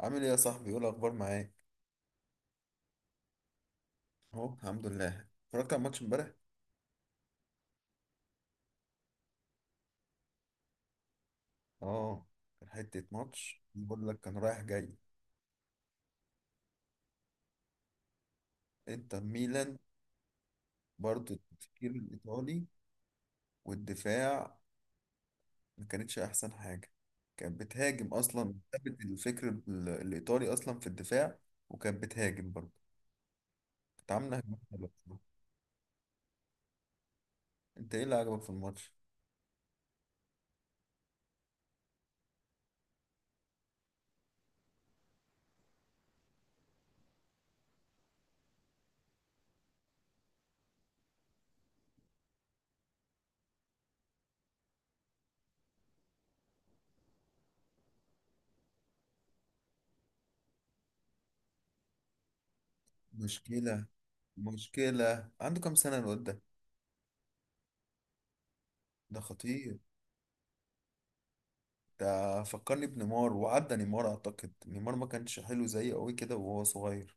عامل ايه يا صاحبي، ايه الاخبار معاك؟ اهو الحمد لله، اتفرجت على الماتش امبارح. اه، كان حته ماتش، بقول لك كان رايح جاي، انتر ميلان. برضو التفكير الايطالي والدفاع ما كانتش احسن حاجه. كانت بتهاجم اصلا، ثابت الفكر الايطالي اصلا في الدفاع. وكانت بتهاجم برضو، كانت عامله هجمات حلوة بصراحة. انت ايه اللي عجبك في الماتش؟ مشكله مشكله، عنده كام سنه الواد ده؟ ده خطير. ده فكرني بنيمار، وعدى نيمار، اعتقد نيمار ما كانش حلو زيه قوي كده وهو صغير.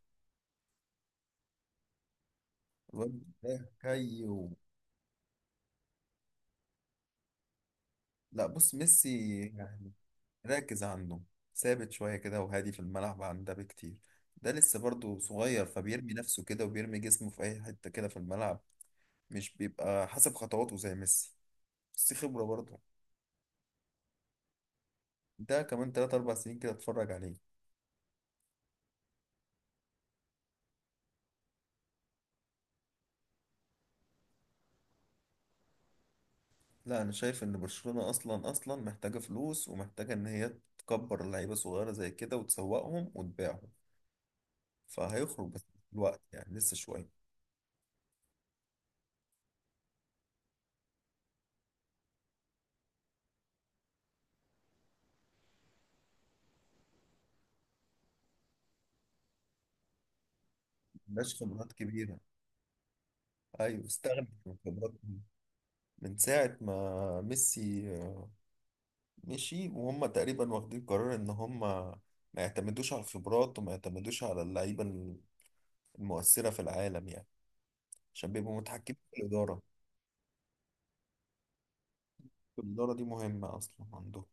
الواد ده كي و... لا، بص، ميسي راكز عنده، ثابت شوية كده وهادي في الملعب عن ده بكتير. ده لسه برضه صغير، فبيرمي نفسه كده وبيرمي جسمه في أي حتة كده في الملعب. مش بيبقى حسب خطواته زي ميسي، بس خبرة برضه. ده كمان 3 4 سنين كده اتفرج عليه. لا، أنا شايف إن برشلونة أصلا محتاجة فلوس، ومحتاجة إن هي تكبر لعيبة صغيرة زي كده وتسوقهم وتبيعهم. فهيخرج، بس في الوقت يعني لسه شوية. مبقاش خبرات كبيرة. أيوة، استغنى عن خبراتهم. من ساعة ما ميسي مشي، وهم تقريبا واخدين قرار إن هم ما يعتمدوش على الخبرات وما يعتمدوش على اللعيبة المؤثرة في العالم يعني، عشان بيبقوا متحكمين في الإدارة. الإدارة دي مهمة أصلا عندهم.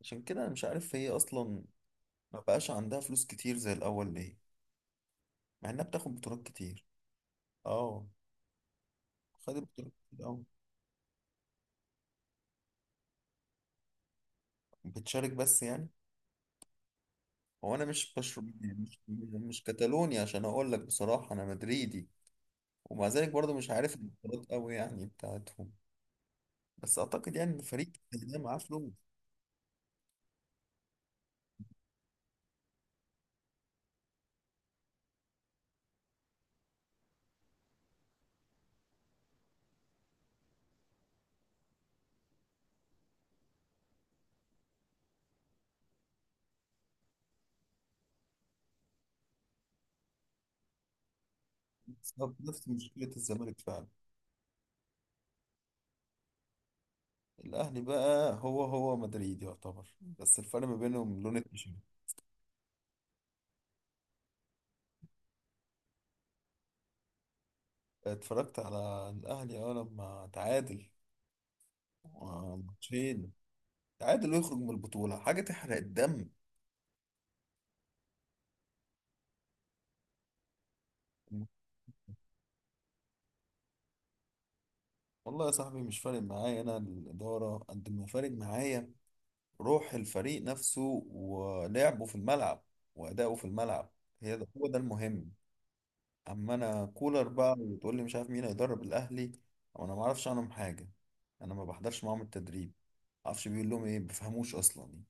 عشان كده أنا مش عارف، هي أصلا ما بقاش عندها فلوس كتير زي الأول ليه، مع إنها بتاخد بطولات كتير. أه، خدت بطولات كتير أوي. بتشارك بس يعني. هو انا مش برشلوني يعني، مش كتالوني، عشان اقول لك بصراحه انا مدريدي. ومع ذلك برضه مش عارف البطولات قوي يعني بتاعتهم. بس اعتقد يعني ان الفريق ده معاه فلوس، بسبب نفس مشكله الزمالك فعلا. الاهلي بقى هو هو مدريد يعتبر، بس الفرق ما بينهم لون التيشيرت. اتفرجت على الاهلي لما تعادل، 2 ماتش. تعادل ويخرج من البطوله، حاجه تحرق الدم. والله يا صاحبي مش فارق معايا، انا الاداره قد ما فارق معايا روح الفريق نفسه، ولعبه في الملعب، وأداؤه في الملعب، هي ده هو ده المهم. أما أنا كولر بقى وتقول لي مش عارف مين هيدرب الأهلي، أو أنا ما أعرفش عنهم حاجة، أنا ما بحضرش معاهم التدريب، ما أعرفش بيقول لهم إيه، ما بفهموش أصلا.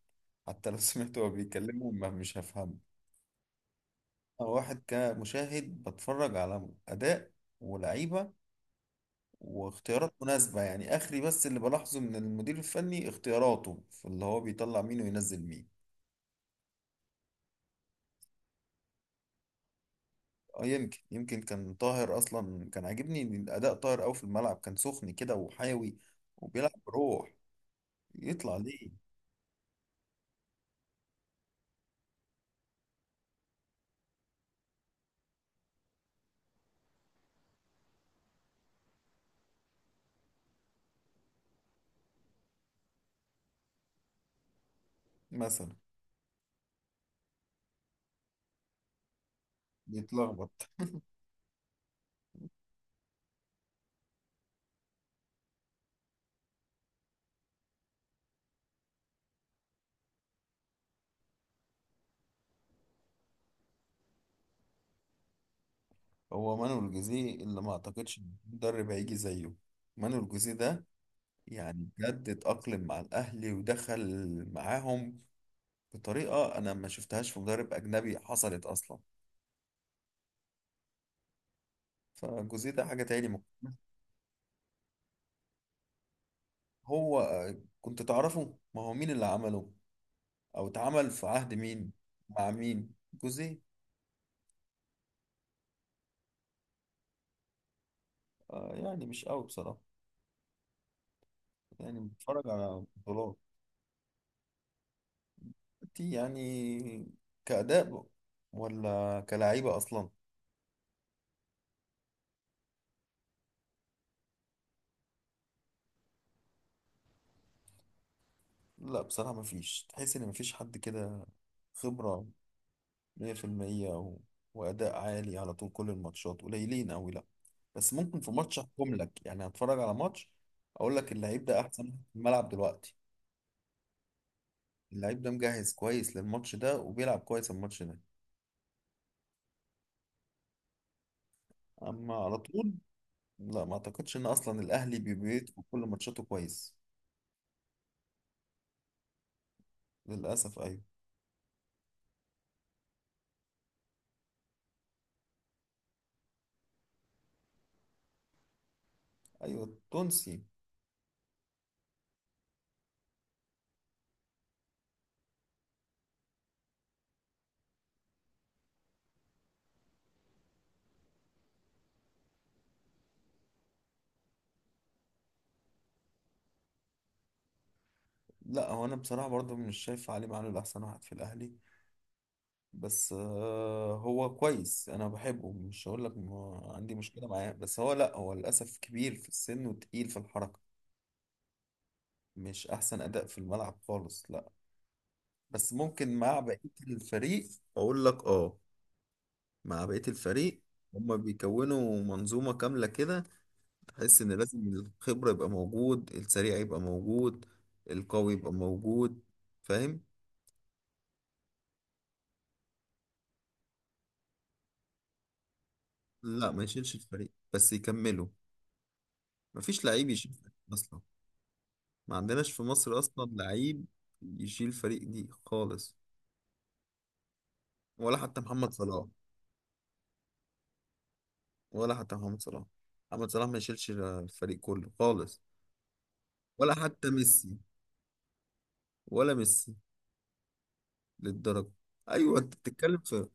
حتى لو سمعت هو بيتكلموا ما مش هفهمه. أنا واحد كمشاهد بتفرج على أداء ولعيبة واختيارات مناسبة يعني، آخري بس اللي بلاحظه من المدير الفني اختياراته في اللي هو بيطلع مين وينزل مين. اه، يمكن كان طاهر اصلا، كان عاجبني اداء طاهر قوي في الملعب، كان سخن كده وحيوي وبيلعب بروح، يطلع ليه مثلا. يتلخبط. هو مانويل جوزيه اللي ما اعتقدش إن مدرب هيجي زيه. مانويل جوزيه ده، يعني بجد اتأقلم مع الاهلي ودخل معاهم بطريقة انا ما شفتهاش في مدرب اجنبي حصلت اصلا. فجوزيه ده حاجة تاني ممكن. هو كنت تعرفه ما هو مين اللي عمله، او اتعمل في عهد مين، مع مين؟ جوزيه. يعني مش قوي بصراحة، يعني بتفرج على بطولات. انت يعني كأداء ولا كلعيبة أصلا؟ لا بصراحة مفيش، تحس إن مفيش حد كده، خبرة 100% و... وأداء عالي على طول كل الماتشات قليلين أوي، لا. بس ممكن في ماتش أحكم لك، يعني هتفرج على ماتش أقول لك اللعيب ده أحسن واحد في الملعب دلوقتي، اللعيب ده مجهز كويس للماتش ده وبيلعب كويس الماتش ده، أما على طول لا، ما أعتقدش إن أصلا الأهلي بيدخل كل ماتشاته كويس. للأسف أيوة. أيوة، التونسي. لا، هو أنا بصراحة برضو مش شايف علي معلول أحسن واحد في الأهلي، بس هو كويس، أنا بحبه، مش هقول لك ما عندي مشكلة معاه، بس هو لا هو للأسف كبير في السن وتقيل في الحركة. مش أحسن أداء في الملعب خالص، لا. بس ممكن مع بقية الفريق أقول لك أه، مع بقية الفريق هما بيكونوا منظومة كاملة كده، تحس إن لازم الخبرة يبقى موجود، السريع يبقى موجود، القوي يبقى موجود، فاهم؟ لا، ما يشيلش الفريق بس يكمله. مفيش لعيب يشيل فريق اصلا، ما عندناش في مصر اصلا لعيب يشيل فريق دي خالص. ولا حتى محمد صلاح، ولا حتى محمد صلاح، محمد صلاح ما يشيلش الفريق كله خالص. ولا حتى ميسي، ولا ميسي، للدرجة. ايوه، انت بتتكلم في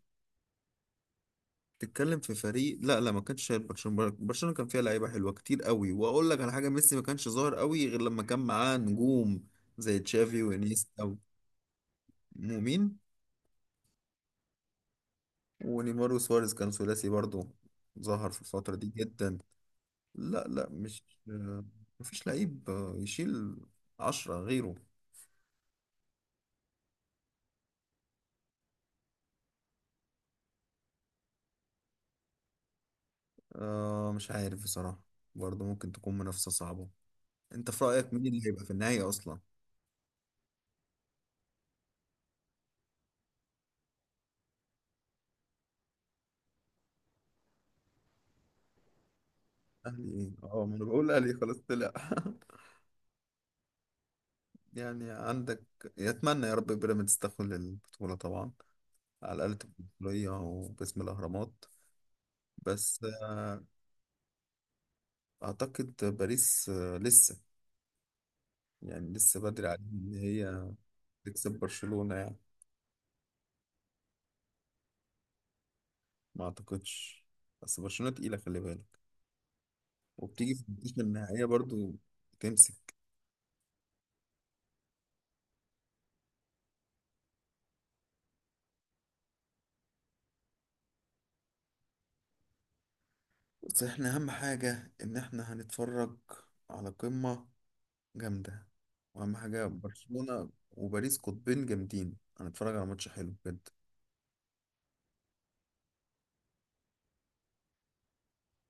بتتكلم في فريق. لا لا، ما كانش شايل برشلونة، برشلونة كان فيها لعيبة حلوة كتير قوي، واقول لك على حاجة، ميسي ما كانش ظاهر قوي غير لما كان معاه نجوم زي تشافي وانيستا ومين؟ ونيمار وسواريز كان ثلاثي برضو، ظهر في الفترة دي جدا. لا لا، مش، آه، مفيش لعيب يشيل 10 غيره. مش عارف بصراحة، برضو ممكن تكون منافسة صعبة. انت في رأيك مين اللي هيبقى في النهاية اصلا؟ اهلي ايه؟ اه، ما انا بقول اهلي خلاص طلع يعني. عندك، يتمنى يا رب بيراميدز تاخد البطولة طبعا، على الأقل تبقى بطولية وباسم الأهرامات. بس أعتقد باريس لسه، يعني لسه بدري عليهم إن هي تكسب برشلونة يعني. ما اعتقدش، بس برشلونة تقيلة، خلي بالك، وبتيجي في الماتش النهائية برضو، تمسك. بس احنا اهم حاجة ان احنا هنتفرج على قمة جامدة، واهم حاجة برشلونة وباريس قطبين جامدين، هنتفرج على ماتش حلو بجد.